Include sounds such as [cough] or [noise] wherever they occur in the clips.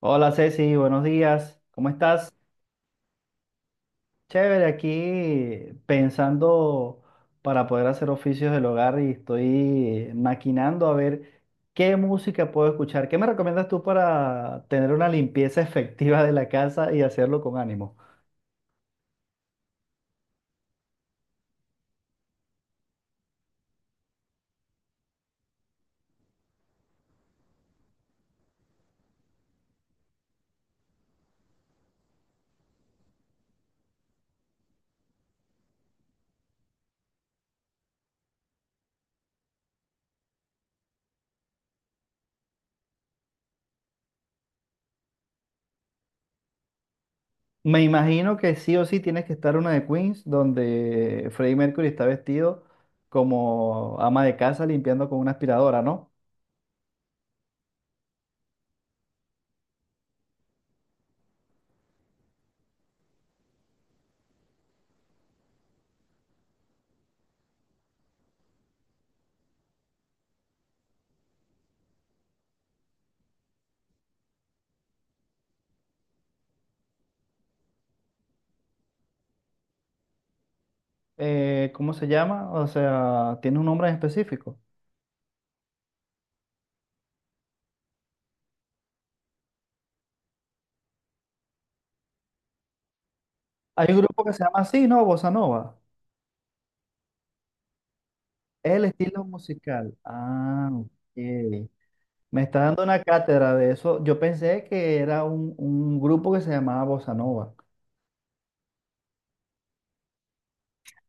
Hola Ceci, buenos días. ¿Cómo estás? Chévere, aquí pensando para poder hacer oficios del hogar y estoy maquinando a ver qué música puedo escuchar. ¿Qué me recomiendas tú para tener una limpieza [laughs] efectiva de la casa y hacerlo con ánimo? Me imagino que sí o sí tienes que estar una de Queens donde Freddie Mercury está vestido como ama de casa limpiando con una aspiradora, ¿no? ¿Cómo se llama? O sea, ¿tiene un nombre en específico? Hay un grupo que se llama así, ¿no? Bossa Nova. Es el estilo musical. Ah, ok. Me está dando una cátedra de eso. Yo pensé que era un grupo que se llamaba Bossa Nova.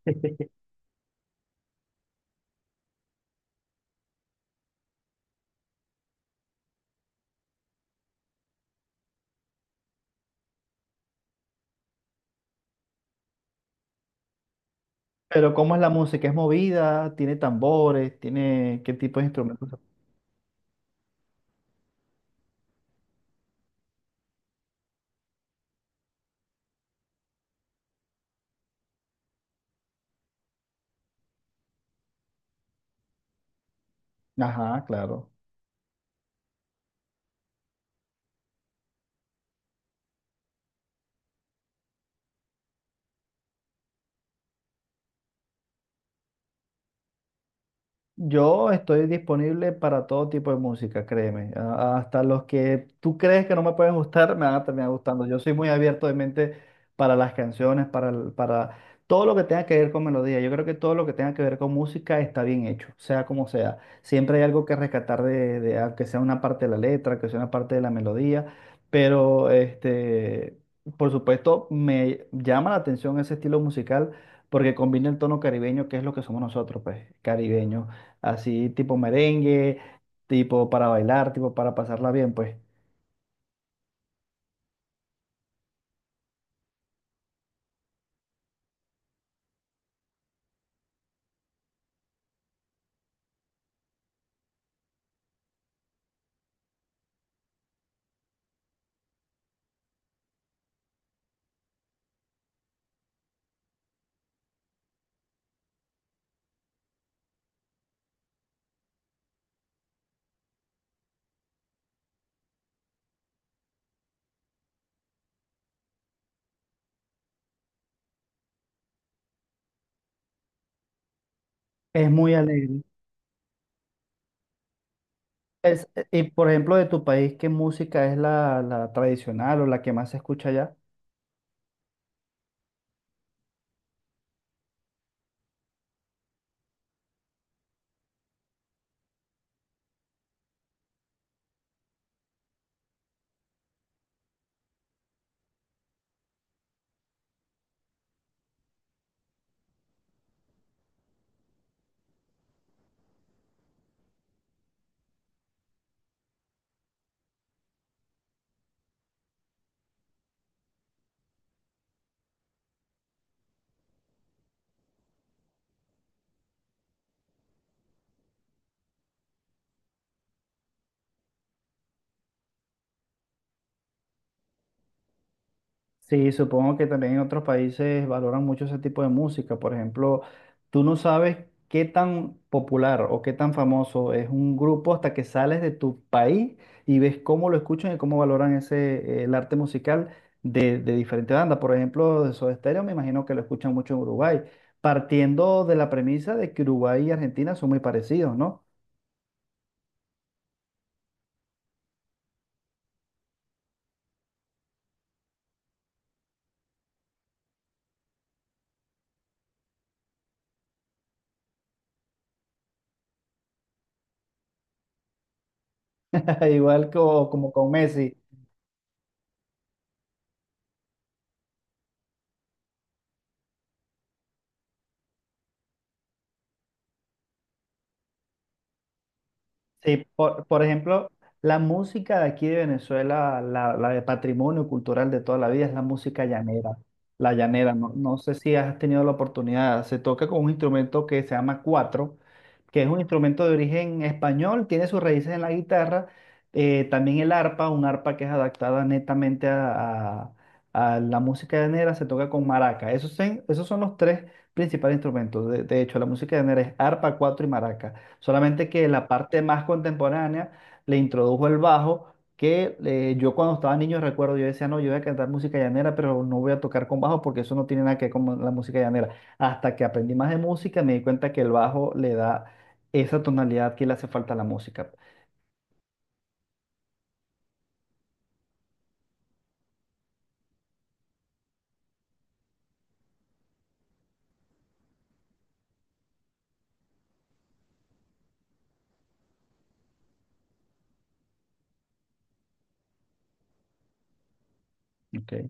[laughs] Pero ¿cómo es la música? ¿Es movida? ¿Tiene tambores? ¿Tiene qué tipo de instrumentos? Ajá, claro. Yo estoy disponible para todo tipo de música, créeme. Hasta los que tú crees que no me pueden gustar, me van a terminar gustando. Yo soy muy abierto de mente para las canciones, para todo lo que tenga que ver con melodía. Yo creo que todo lo que tenga que ver con música está bien hecho, sea como sea. Siempre hay algo que rescatar de, aunque sea una parte de la letra, que sea una parte de la melodía, pero este, por supuesto, me llama la atención ese estilo musical porque combina el tono caribeño, que es lo que somos nosotros, pues, caribeños, así tipo merengue, tipo para bailar, tipo para pasarla bien, pues. Es muy alegre. Y por ejemplo, de tu país, ¿qué música es la tradicional o la que más se escucha allá? Sí, supongo que también en otros países valoran mucho ese tipo de música. Por ejemplo, tú no sabes qué tan popular o qué tan famoso es un grupo hasta que sales de tu país y ves cómo lo escuchan y cómo valoran el arte musical de diferentes bandas. Por ejemplo, de Soda Stereo me imagino que lo escuchan mucho en Uruguay, partiendo de la premisa de que Uruguay y Argentina son muy parecidos, ¿no? [laughs] Igual como con Messi. Sí, por ejemplo, la música de aquí de Venezuela, la de patrimonio cultural de toda la vida, es la música llanera. La llanera, no, no sé si has tenido la oportunidad, se toca con un instrumento que se llama cuatro, que es un instrumento de origen español, tiene sus raíces en la guitarra, también el arpa, un arpa que es adaptada netamente a la música llanera, se toca con maraca. Esos son los tres principales instrumentos. De hecho, la música llanera es arpa, cuatro y maraca. Solamente que la parte más contemporánea le introdujo el bajo, que yo cuando estaba niño recuerdo, yo decía, no, yo voy a cantar música llanera, pero no voy a tocar con bajo porque eso no tiene nada que ver con la música llanera. Hasta que aprendí más de música, me di cuenta que el bajo le da esa tonalidad que le hace falta a la música. Ok.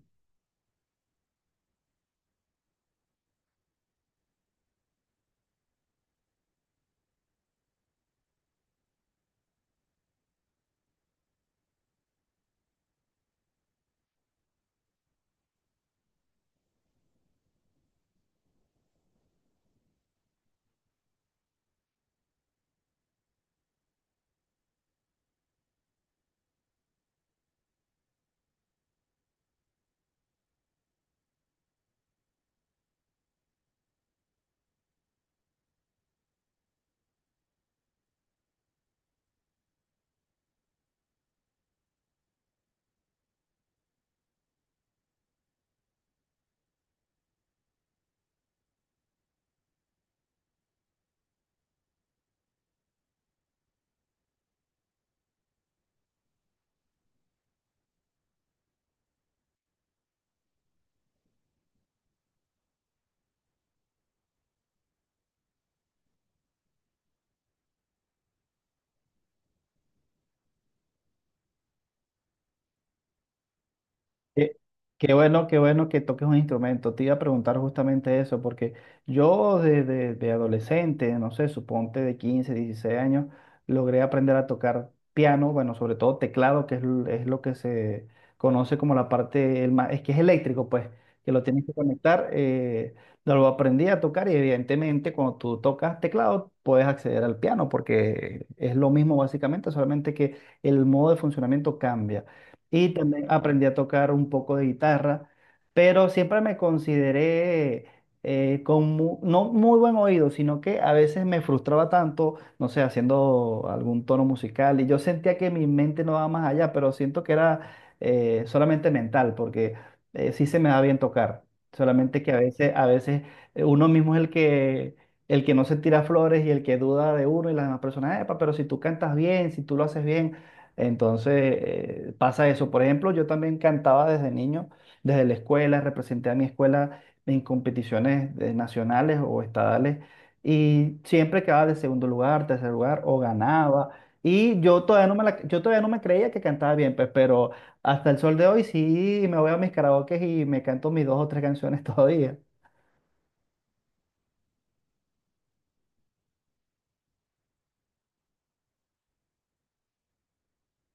Qué, qué bueno, qué bueno que toques un instrumento. Te iba a preguntar justamente eso, porque yo desde de adolescente, no sé, suponte de 15, 16 años, logré aprender a tocar piano, bueno, sobre todo teclado, que es lo que se conoce como la parte, es que es eléctrico, pues, que lo tienes que conectar. Lo aprendí a tocar y evidentemente cuando tú tocas teclado puedes acceder al piano, porque es lo mismo básicamente, solamente que el modo de funcionamiento cambia y también aprendí a tocar un poco de guitarra, pero siempre me consideré con no muy buen oído, sino que a veces me frustraba tanto, no sé, haciendo algún tono musical y yo sentía que mi mente no daba más allá, pero siento que era solamente mental, porque sí se me da bien tocar, solamente que a veces uno mismo es el que... El que no se tira flores y el que duda de uno y las demás personas, "Epa, pero si tú cantas bien, si tú lo haces bien, entonces, pasa eso. Por ejemplo, yo también cantaba desde niño, desde la escuela, representé a mi escuela en competiciones nacionales o estadales y siempre quedaba de segundo lugar, tercer lugar o ganaba. Y yo todavía no me creía que cantaba bien, pues, pero hasta el sol de hoy sí me voy a mis karaokes y me canto mis dos o tres canciones [laughs] todavía.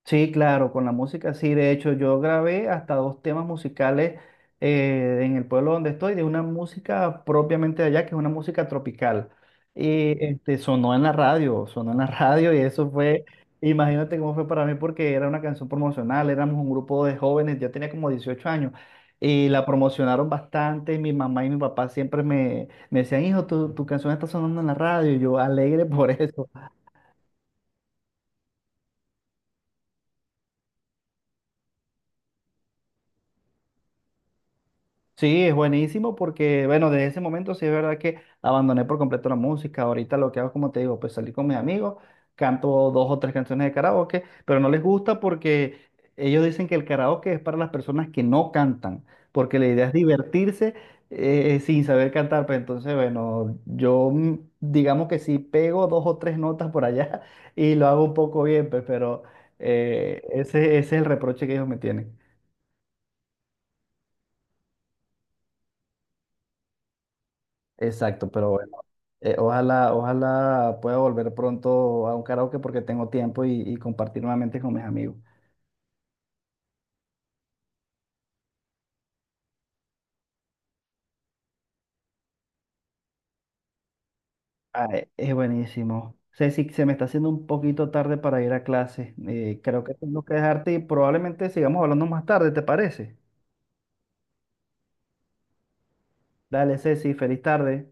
Sí, claro, con la música sí. De hecho, yo grabé hasta dos temas musicales en el pueblo donde estoy, de una música propiamente de allá, que es una música tropical. Y este, sonó en la radio, sonó en la radio y eso fue, imagínate cómo fue para mí, porque era una canción promocional, éramos un grupo de jóvenes, yo tenía como 18 años, y la promocionaron bastante. Mi mamá y mi papá siempre me decían, hijo, tu canción está sonando en la radio, y yo alegre [laughs] por eso. Sí, es buenísimo porque, bueno, desde ese momento sí es verdad que abandoné por completo la música. Ahorita lo que hago, como te digo, pues salir con mis amigos, canto dos o tres canciones de karaoke, pero no les gusta porque ellos dicen que el karaoke es para las personas que no cantan, porque la idea es divertirse sin saber cantar. Pues entonces, bueno, yo digamos que sí pego dos o tres notas por allá [laughs] y lo hago un poco bien, pues, pero ese es el reproche que ellos me tienen. Exacto, pero bueno. Ojalá, ojalá pueda volver pronto a un karaoke porque tengo tiempo y compartir nuevamente con mis amigos. Ah, es buenísimo. Ceci, se me está haciendo un poquito tarde para ir a clase. Creo que tengo que dejarte y probablemente sigamos hablando más tarde, ¿te parece? Dale, Ceci, feliz tarde.